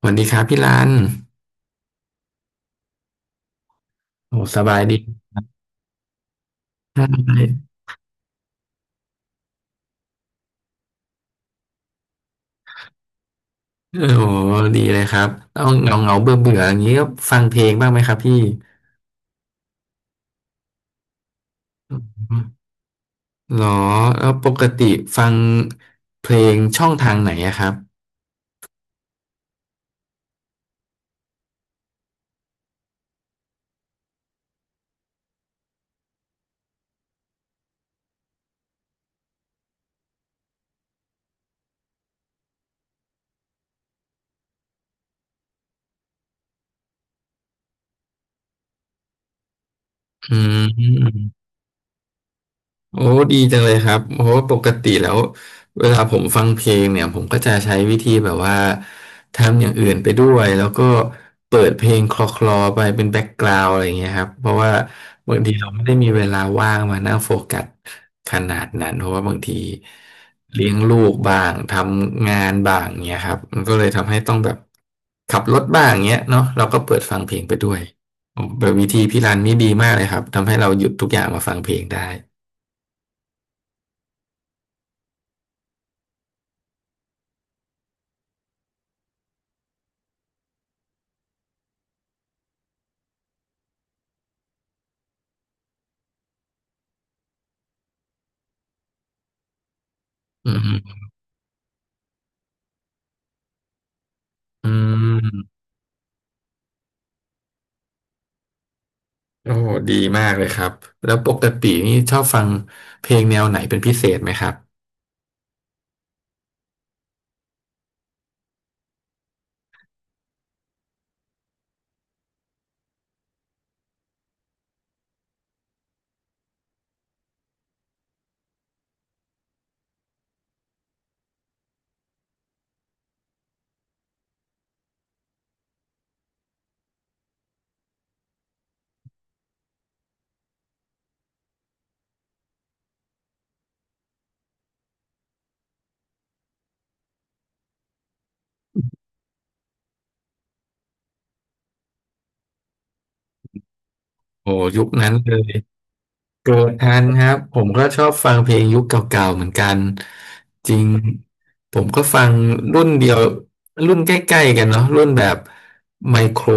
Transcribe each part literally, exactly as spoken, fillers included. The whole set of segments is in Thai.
สวัสดีครับพี่รันโอ้สบายดีใช่โอ้ดีเลยครับเอาเงาเงาเบื่อเบื่ออย่างนี้ก็ฟังเพลงบ้างไหมครับพี่อืมหรอแล้วปกติฟังเพลงช่องทางไหนอะครับอืม โอ้ดีจังเลยครับโอ้ปกติแล้วเวลาผมฟังเพลงเนี่ยผมก็จะใช้วิธีแบบว่าทำอย่างอื่นไปด้วยแล้วก็เปิดเพลงคลอคลอไปเป็นแบ็กกราวด์อะไรอย่างเงี้ยครับเพราะว่าบางทีเราไม่ได้มีเวลาว่างมานั่งโฟกัสขนาดนั้นเพราะว่าบางทีเลี้ยงลูกบ้างทำงานบ้างเงี้ยครับมันก็เลยทำให้ต้องแบบขับรถบ้างเงี้ยเนาะเราก็เปิดฟังเพลงไปด้วยแบบวิธีพี่รันนี่ดีมากเลยครับทำให้เราหยุดทุกอย่างมาฟังเพลงได้ อืมอืมโอ้ดีมากเลยครับแล้วปกตินี่ชอบฟังเพลงแนวไหนเป็นพิเศษไหมครับโอ้ยุคนั้นเลยเกิดทันครับผมก็ชอบฟังเพลงยุคเก่าๆเหมือนกันจริงผมก็ฟังรุ่นเดียวรุ่นใกล้ๆกันเนาะรุ่นแบบไมโคร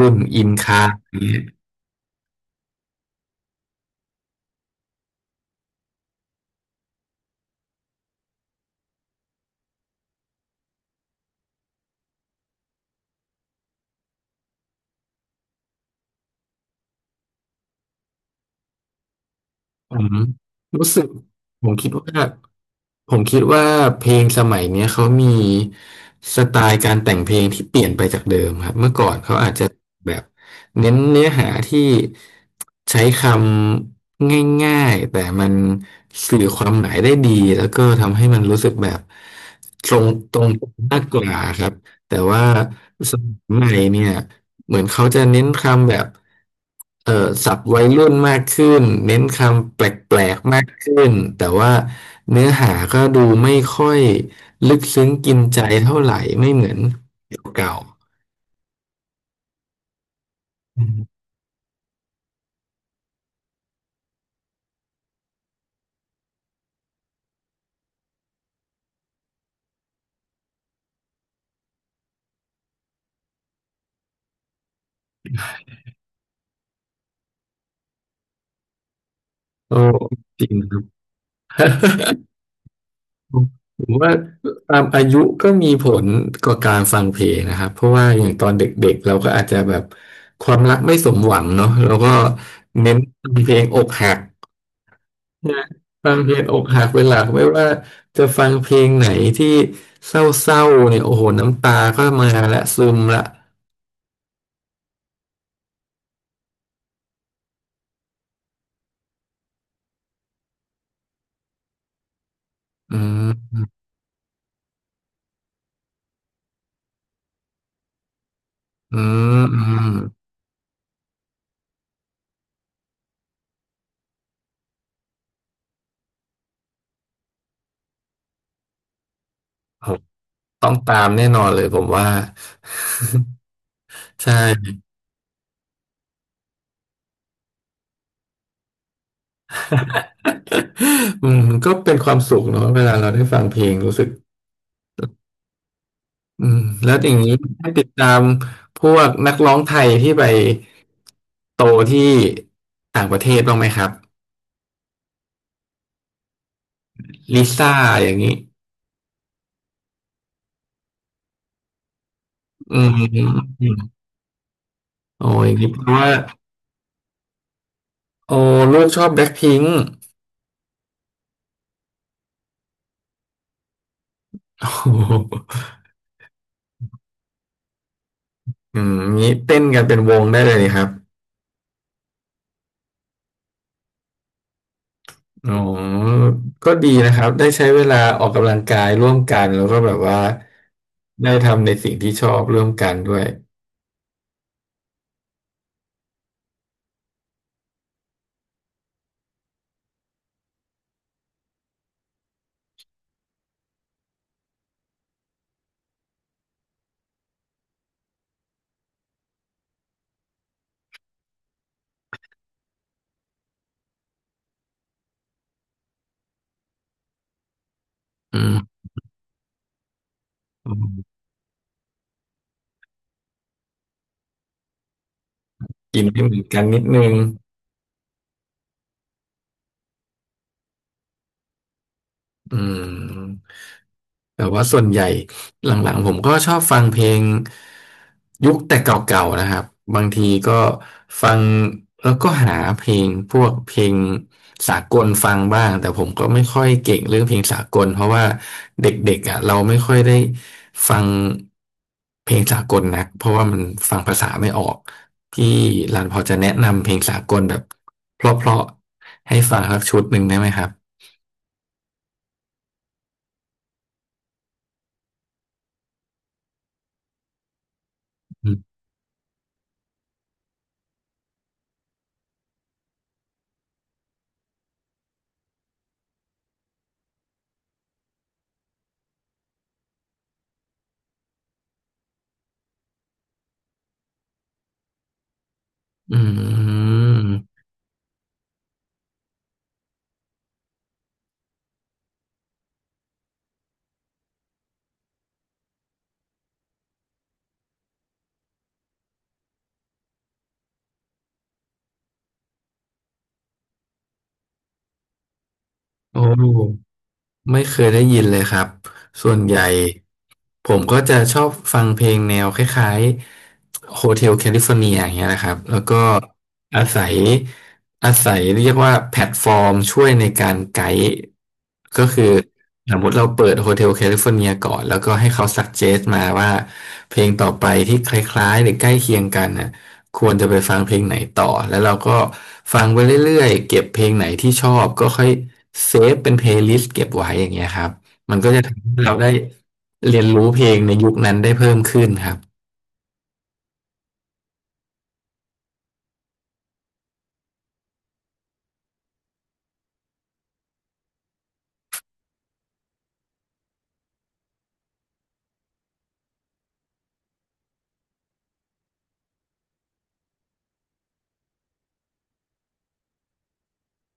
รุ่นอินคา ผมรู้สึกผมคิดว่าผมคิดว่าเพลงสมัยเนี้ยเขามีสไตล์การแต่งเพลงที่เปลี่ยนไปจากเดิมครับเมื่อก่อนเขาอาจจะแบบเน้นเนื้อหาที่ใช้คำง่ายๆแต่มันสื่อความหมายได้ดีแล้วก็ทำให้มันรู้สึกแบบตรงตรงมากกว่าครับ แต่ว่าสมัยใหม่เนี่ยเหมือนเขาจะเน้นคำแบบเอ่อศัพท์วัยรุ่นมากขึ้นเน้นคำแปลกๆมากขึ้นแต่ว่าเนื้อหาก็ดูไม่ค่อยลึกซึ้งกินใจเท่าไหร่ไม่เหมือนเก่าๆอืมโอ้จริงครับผมว่าตามอายุก็มีผลกับการฟังเพลงนะครับเพราะว่าอย่างตอนเด็กๆเราก็อาจจะแบบความรักไม่สมหวังเนาะแล้วก็เน้นเพลงอกหัก นะฟังเพลงอกหักเป็นหลักไม่ว่าจะฟังเพลงไหนที่เศร้าๆเนี่ยโอ้โหน้ำตาก็มาและซึมละอืมอืมอืมผมต้องตามแน่นอนเลยผมว่าใช่อืมก็เป็นความสุขเนาะเวลาเราได้ฟังเพลงรู้สึกอืมแล้วอย่างนี้ได้ติดตามพวกนักร้องไทยที่ไปโตที่ต่างประเทศบ้างไหมครับลิซ่าอย่างนี้อืม โอ้ยนี่เพราะว่าโอ้ลูกชอบแบล็คพิงค์ โอ้โหอืมงี้เต้นกันเป็นวงได้เลยนี่ครับอ๋อก็ดีนะครับได้ใช้เวลาออกกำลังกายร่วมกันแล้วก็แบบว่าได้ทำในสิ่งที่ชอบร่วมกันด้วยอืมอืมกินให้เหมือนกันนิดนึงอืม แต่ว่าส่วนใหญ่หลังๆผมก็ชอบฟังเพลงยุคแต่เก่าๆนะครับบางทีก็ฟังแล้วก็หาเพลงพวกเพลงสากลฟังบ้างแต่ผมก็ไม่ค่อยเก่งเรื่องเพลงสากลเพราะว่าเด็กๆอ่ะเราไม่ค่อยได้ฟังเพลงสากลนักเพราะว่ามันฟังภาษาไม่ออกพี่รันพอจะแนะนำเพลงสากลแบบเพราะๆให้ฟังสักชุดหนึ่งได้ไหมครับอืมอืมโอ้ ไม่เคยได้ยินเลยครับ ส่วนใหญ่ผมก็จะชอบฟังเพลงแนวคล้ายๆ Hotel California อย่างเงี้ยนะครับ แล้วก็อาศัยอาศัยเรียกว่าแพลตฟอร์มช่วยในการไกด์ก็คือสมมติเราเปิด Hotel California ก่อน แล้วก็ให้เขาสั g เจ t มาว่าเพลงต่อไปที่คล้ายๆหรือใกล้เคียงกันน่ะ ควรจะไปฟังเพลงไหนต่อแล้วเราก็ฟังไปเรื่อยๆเก็บเพลงไหนที่ชอบก็ค่อยเซฟเป็นเพลย์ลิสต์เก็บไว้อย่างเงี้ยครับมันก็จะทำให้เราได้เรียนรู้เพลงในยุคนั้นได้เพิ่มขึ้นครับ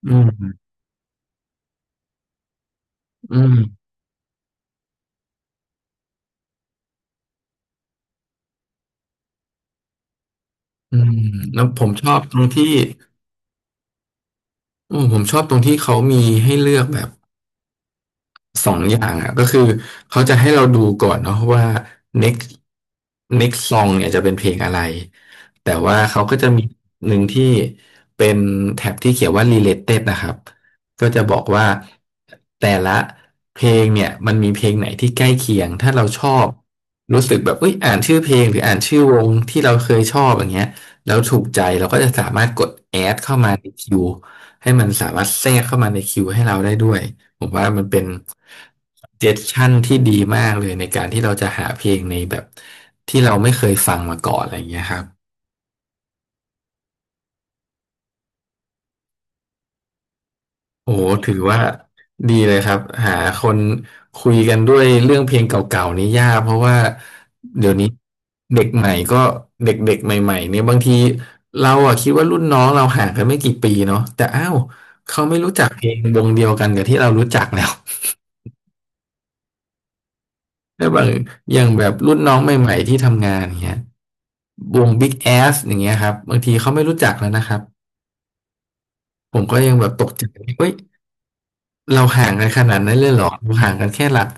อืมอืมอืมแล้วผมชอบตรงที่อืมผมชอบตรงที่เขามีให้เลือกแบบ สองอย่างอ่ะก็คือเขาจะให้เราดูก่อนเนาะว่า next next ซอง เนี่ยจะเป็นเพลงอะไรแต่ว่าเขาก็จะมีหนึ่งที่เป็นแท็บที่เขียนว่า รีเลท นะครับก็จะบอกว่าแต่ละเพลงเนี่ยมันมีเพลงไหนที่ใกล้เคียงถ้าเราชอบรู้สึกแบบเอ้ยอ่านชื่อเพลงหรืออ่านชื่อวงที่เราเคยชอบอย่างเงี้ยแล้วถูกใจเราก็จะสามารถกด แอด เข้ามาในคิวให้มันสามารถแทรกเข้ามาในคิวให้เราได้ด้วย ผมว่ามันเป็นเจสชั่นที่ดีมากเลยในการที่เราจะหาเพลงในแบบที่เราไม่เคยฟังมาก่อนอะไรอย่างเงี้ยครับโอ้โหถือว่าดีเลยครับหาคนคุยกันด้วยเรื่องเพลงเก่าๆนี่ยากเพราะว่าเดี๋ยวนี้เด็กใหม่ก็เด็กๆใหม่ๆเนี่ยบางทีเราอะคิดว่ารุ่นน้องเราห่างกันไม่กี่ปีเนาะแต่อ้าวเขาไม่รู้จักเพลงวงเดียวกันกับที่เรารู้จักแล้วแล้วบางอย่างแบบรุ่นน้องใหม่ๆที่ทำงานอย่างเงี้ย วง บิ๊ก แอส อย่างเงี้ยครับบางทีเขาไม่รู้จักแล้วนะครับผมก็ยังแบบตกใจเฮ้ยเราห่างกันขนาดนั้นเลยเหรอเราห่างกันแค่หลัก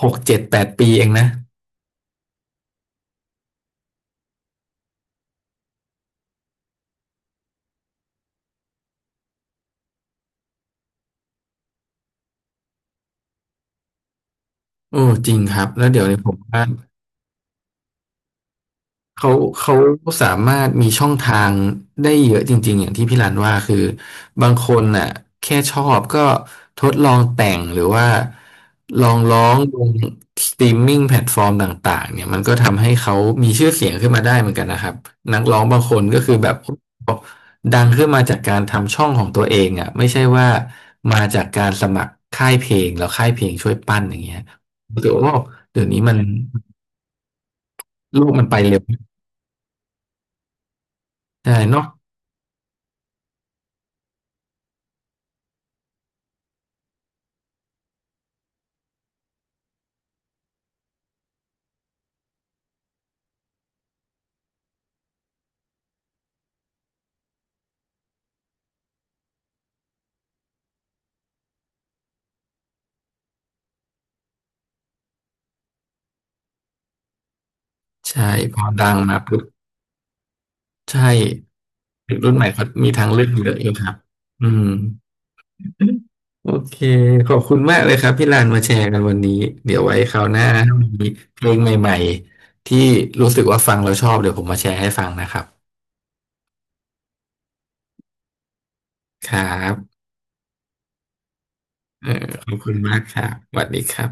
หกเจ็ดแปดปีเองนะโอ้จริงครับแล้วเดี๋ยวนี้ผมว่า เขาเขาสามารถมีช่องทางได้เยอะจริงๆอย่างที่พี่รันว่าคือบางคนน่ะแค่ชอบก็ทดลองแต่งหรือว่าลองร้องลงสตรีมมิ่งแพลตฟอร์มต่างๆเนี่ยมันก็ทำให้เขามีชื่อเสียงขึ้นมาได้เหมือนกันนะครับนักร้องบางคนก็คือแบบดังขึ้นมาจากการทำช่องของตัวเองอ่ะไม่ใช่ว่ามาจากการสมัครค่ายเพลงแล้วค่ายเพลงช่วยปั้นอย่างเงี้ยหรือว่าเดี๋ยวนี้มันโลกมันไปเร็วใช่เนาะ ใช่พอดังมาปุ๊บใช่เด็กรุ่นใหม่เขามีทางเลือกเยอะอยู่ครับอืมโอเคขอบคุณมากเลยครับพี่ลานมาแชร์กันวันนี้เดี๋ยวไว้คราวหน้าถ้ามีเพลงใหม่ๆที่รู้สึกว่าฟังแล้วชอบเดี๋ยวผมมาแชร์ให้ฟังนะครับครับเออขอบคุณมากครับสวัสดีครับ